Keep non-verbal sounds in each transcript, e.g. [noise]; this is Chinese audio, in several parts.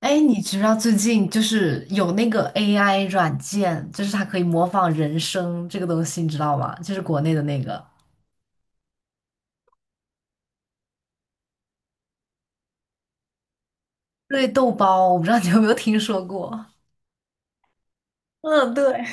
哎，你知不知道最近就是有那个 AI 软件，就是它可以模仿人声这个东西，你知道吗？就是国内的那个，对，豆包，我不知道你有没有听说过，[laughs] 嗯，对，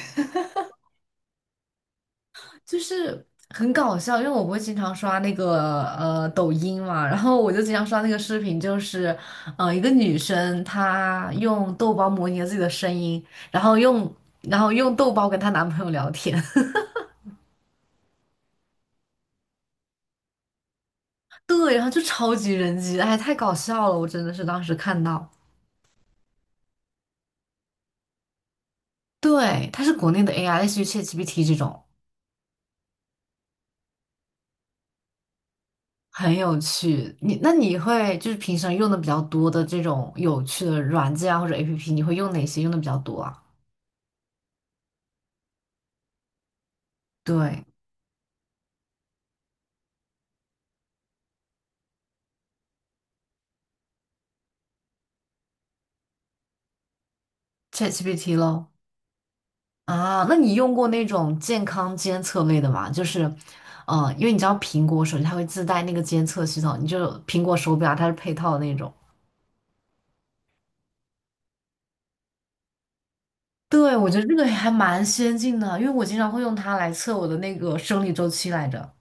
[laughs] 就是很搞笑，因为我不会经常刷那个抖音嘛，然后我就经常刷那个视频，就是一个女生她用豆包模拟了自己的声音，然后用然后用豆包跟她男朋友聊天，[laughs] 对，然后就超级人机，哎，太搞笑了，我真的是当时看到。对，它是国内的 AI，类似于 ChatGPT 这种，很有趣。你那你会就是平常用的比较多的这种有趣的软件啊或者 APP，你会用哪些用的比较多啊？对，ChatGPT 喽。啊，那你用过那种健康监测类的吗？就是，因为你知道苹果手机它会自带那个监测系统，你就苹果手表它是配套的那种。对，我觉得这个还蛮先进的，因为我经常会用它来测我的那个生理周期来着。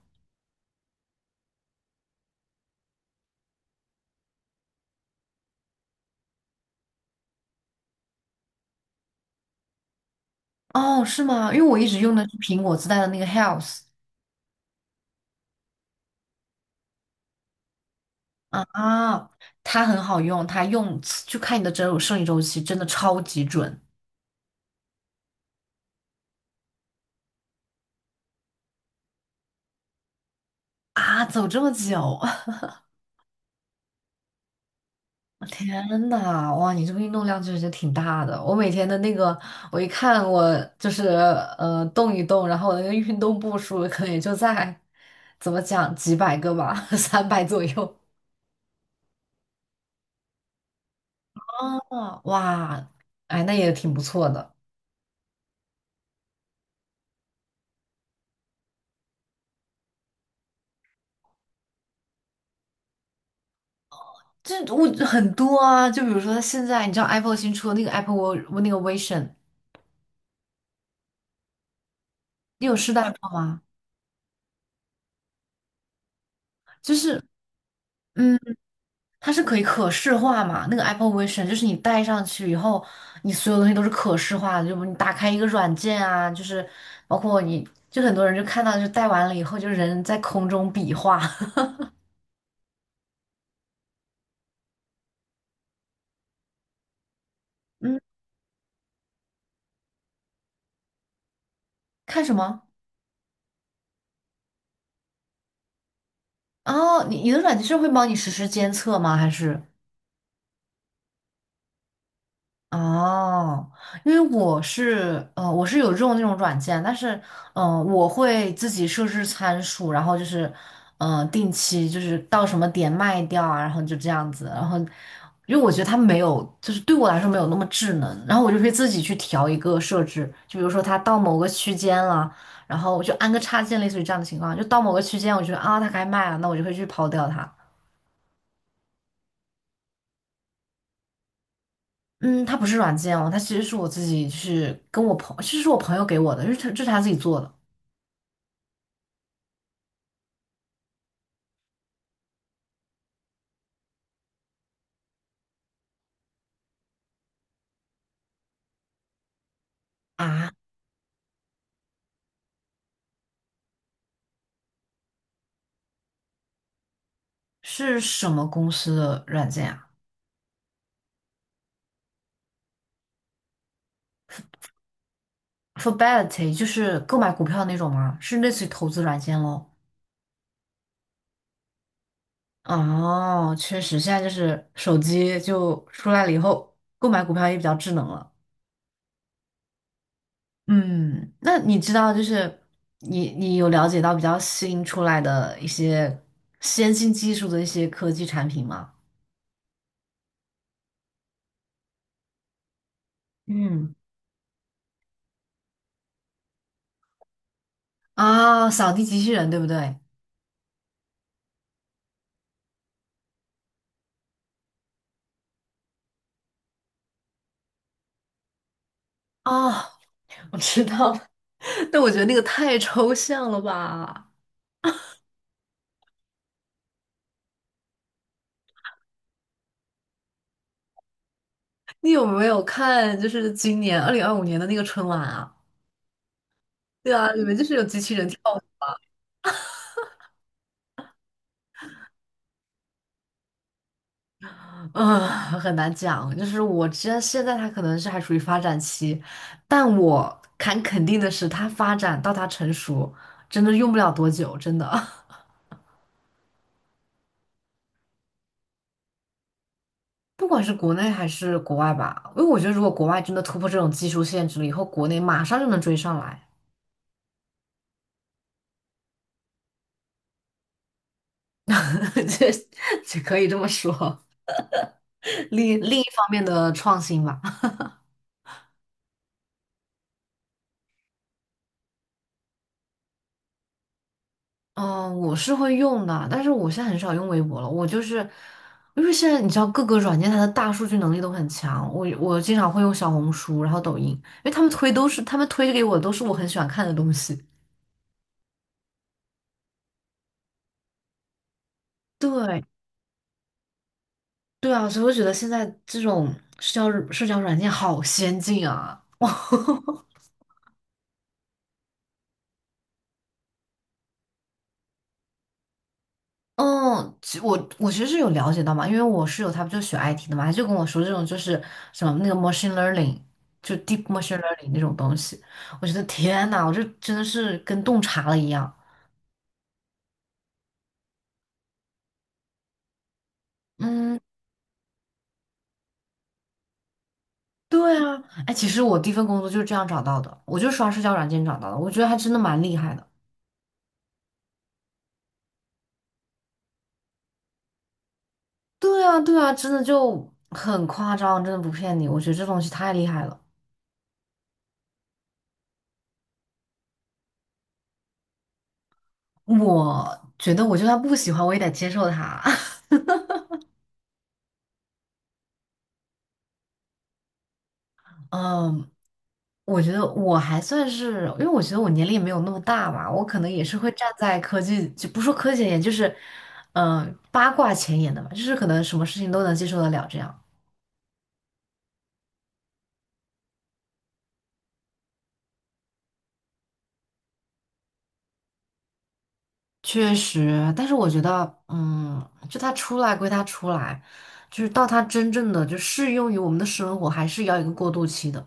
哦，是吗？因为我一直用的是苹果自带的那个 Health。 啊，它很好用，它用就看你的整周生理周期，真的超级准。啊！走这么久，[laughs] 天呐，哇，你这个运动量确实挺大的。我每天的那个，我一看我就是动一动，然后我的那个运动步数可能也就在怎么讲几百个吧，[laughs] 三百左右。哦，哇，哎，那也挺不错的。这我很多啊，就比如说现在你知道 Apple 新出的那个 Apple 我那个 Vision，你有试戴过吗？就是嗯，它是可以可视化嘛，那个 Apple Vision 就是你戴上去以后，你所有东西都是可视化的，就你打开一个软件啊，就是包括你就很多人就看到就戴完了以后，就人在空中比划，[laughs] 嗯，看什么？哦，你你的软件是会帮你实时监测吗？还是？哦，因为我是，我是有用那种软件，但是我会自己设置参数，然后就是定期就是到什么点卖掉啊，然后就这样子，然后因为我觉得它没有，就是对我来说没有那么智能，然后我就会自己去调一个设置，就比如说它到某个区间了，然后我就安个插件，类似于这样的情况，就到某个区间，我觉得啊它该卖了，那我就会去抛掉它。嗯，它不是软件哦，它其实是我自己去跟我朋，其实是我朋友给我的，就是他这是他自己做的啊。是什么公司的软件啊？Fidelity 就是购买股票那种吗？是类似于投资软件咯。哦，确实，现在就是手机就出来了以后，购买股票也比较智能了。嗯，那你知道就是你你有了解到比较新出来的一些先进技术的一些科技产品吗？嗯，啊，扫地机器人对不对？啊，[laughs] 我知道了 [laughs] 但我觉得那个太抽象了吧？你有没有看就是今年2025年的那个春晚啊？对啊，里面就是有机器人跳舞，嗯，很难讲。就是我知道现在它可能是还处于发展期，但我敢肯定的是，它发展到它成熟，真的用不了多久，真的。[laughs] 不管是国内还是国外吧，因为我觉得如果国外真的突破这种技术限制了以后，国内马上就能追上来，[laughs] 这这可以这么说。另一方面的创新吧。嗯，我是会用的，但是我现在很少用微博了。我就是，因为现在你知道各个软件它的大数据能力都很强，我经常会用小红书，然后抖音，因为他们推都是他们推给我都是我很喜欢看的东西。[laughs] 对对啊，所以我觉得现在这种社交软件好先进啊！[laughs] 嗯，我其实是有了解到嘛，因为我室友他不就学 IT 的嘛，他就跟我说这种就是什么那个 machine learning，就 deep machine learning 那种东西，我觉得天呐，我这真的是跟洞察了一样。嗯，对啊，哎，其实我第一份工作就是这样找到的，我就是刷社交软件找到的，我觉得还真的蛮厉害的。对啊，对啊，真的就很夸张，真的不骗你，我觉得这东西太厉害了。我觉得我就算不喜欢，我也得接受它。[laughs] 嗯，我觉得我还算是，因为我觉得我年龄也没有那么大嘛，我可能也是会站在科技，就不说科技前沿，就是，嗯、八卦前沿的嘛，就是可能什么事情都能接受得了这样。确实，但是我觉得，嗯，就它出来归它出来，就是到它真正的就适用于我们的生活，还是要一个过渡期的。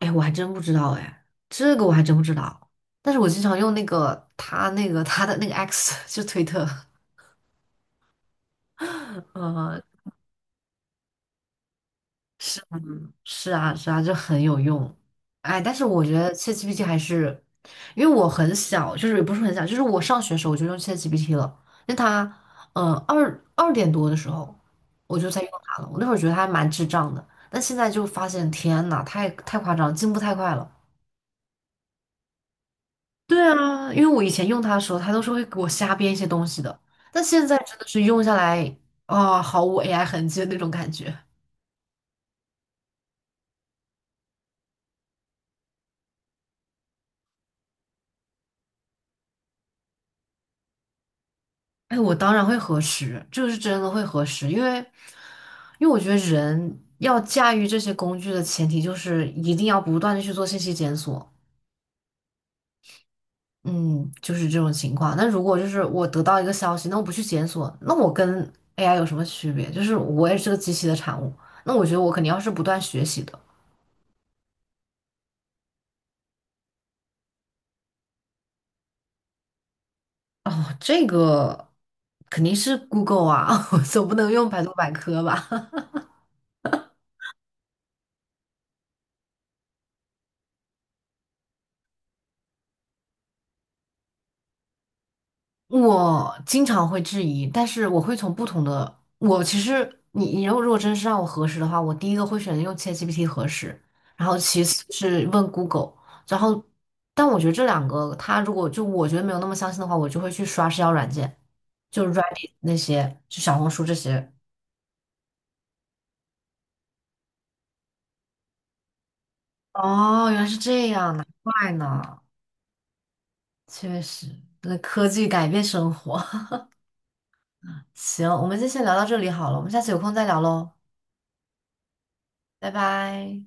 哎，我还真不知道，哎，这个我还真不知道。但是我经常用那个他的那个 X，[laughs] 就推特，[laughs] 嗯。是啊，是啊，就很有用。哎，但是我觉得切 h a t g p t 还是，因为我很小，就是也不是很小，就是我上学的时候我就用切 h a t g p t 了。那它，二点多的时候我就在用它了。我那会儿觉得它还蛮智障的，但现在就发现，天呐，太夸张了进步太快了。对啊，因为我以前用它的时候，它都是会给我瞎编一些东西的，但现在真的是用下来，毫无 AI 痕迹的那种感觉。哎，我当然会核实，这个是真的会核实，因为，因为我觉得人要驾驭这些工具的前提就是一定要不断的去做信息检索，嗯，就是这种情况。那如果就是我得到一个消息，那我不去检索，那我跟 AI 有什么区别？就是我也是个机器的产物，那我觉得我肯定要是不断学习的。哦，这个肯定是 Google 啊，[laughs] 我总不能用百度百科吧？我经常会质疑，但是我会从不同的，我其实你如果真是让我核实的话，我第一个会选择用 ChatGPT 核实，然后其次是问 Google，然后但我觉得这两个，它如果就我觉得没有那么相信的话，我就会去刷社交软件，就 Reddit 那些，就小红书这些。哦，原来是这样，难怪呢，确实，那科技改变生活。[laughs] 行，我们就先聊到这里好了，我们下次有空再聊喽，拜拜。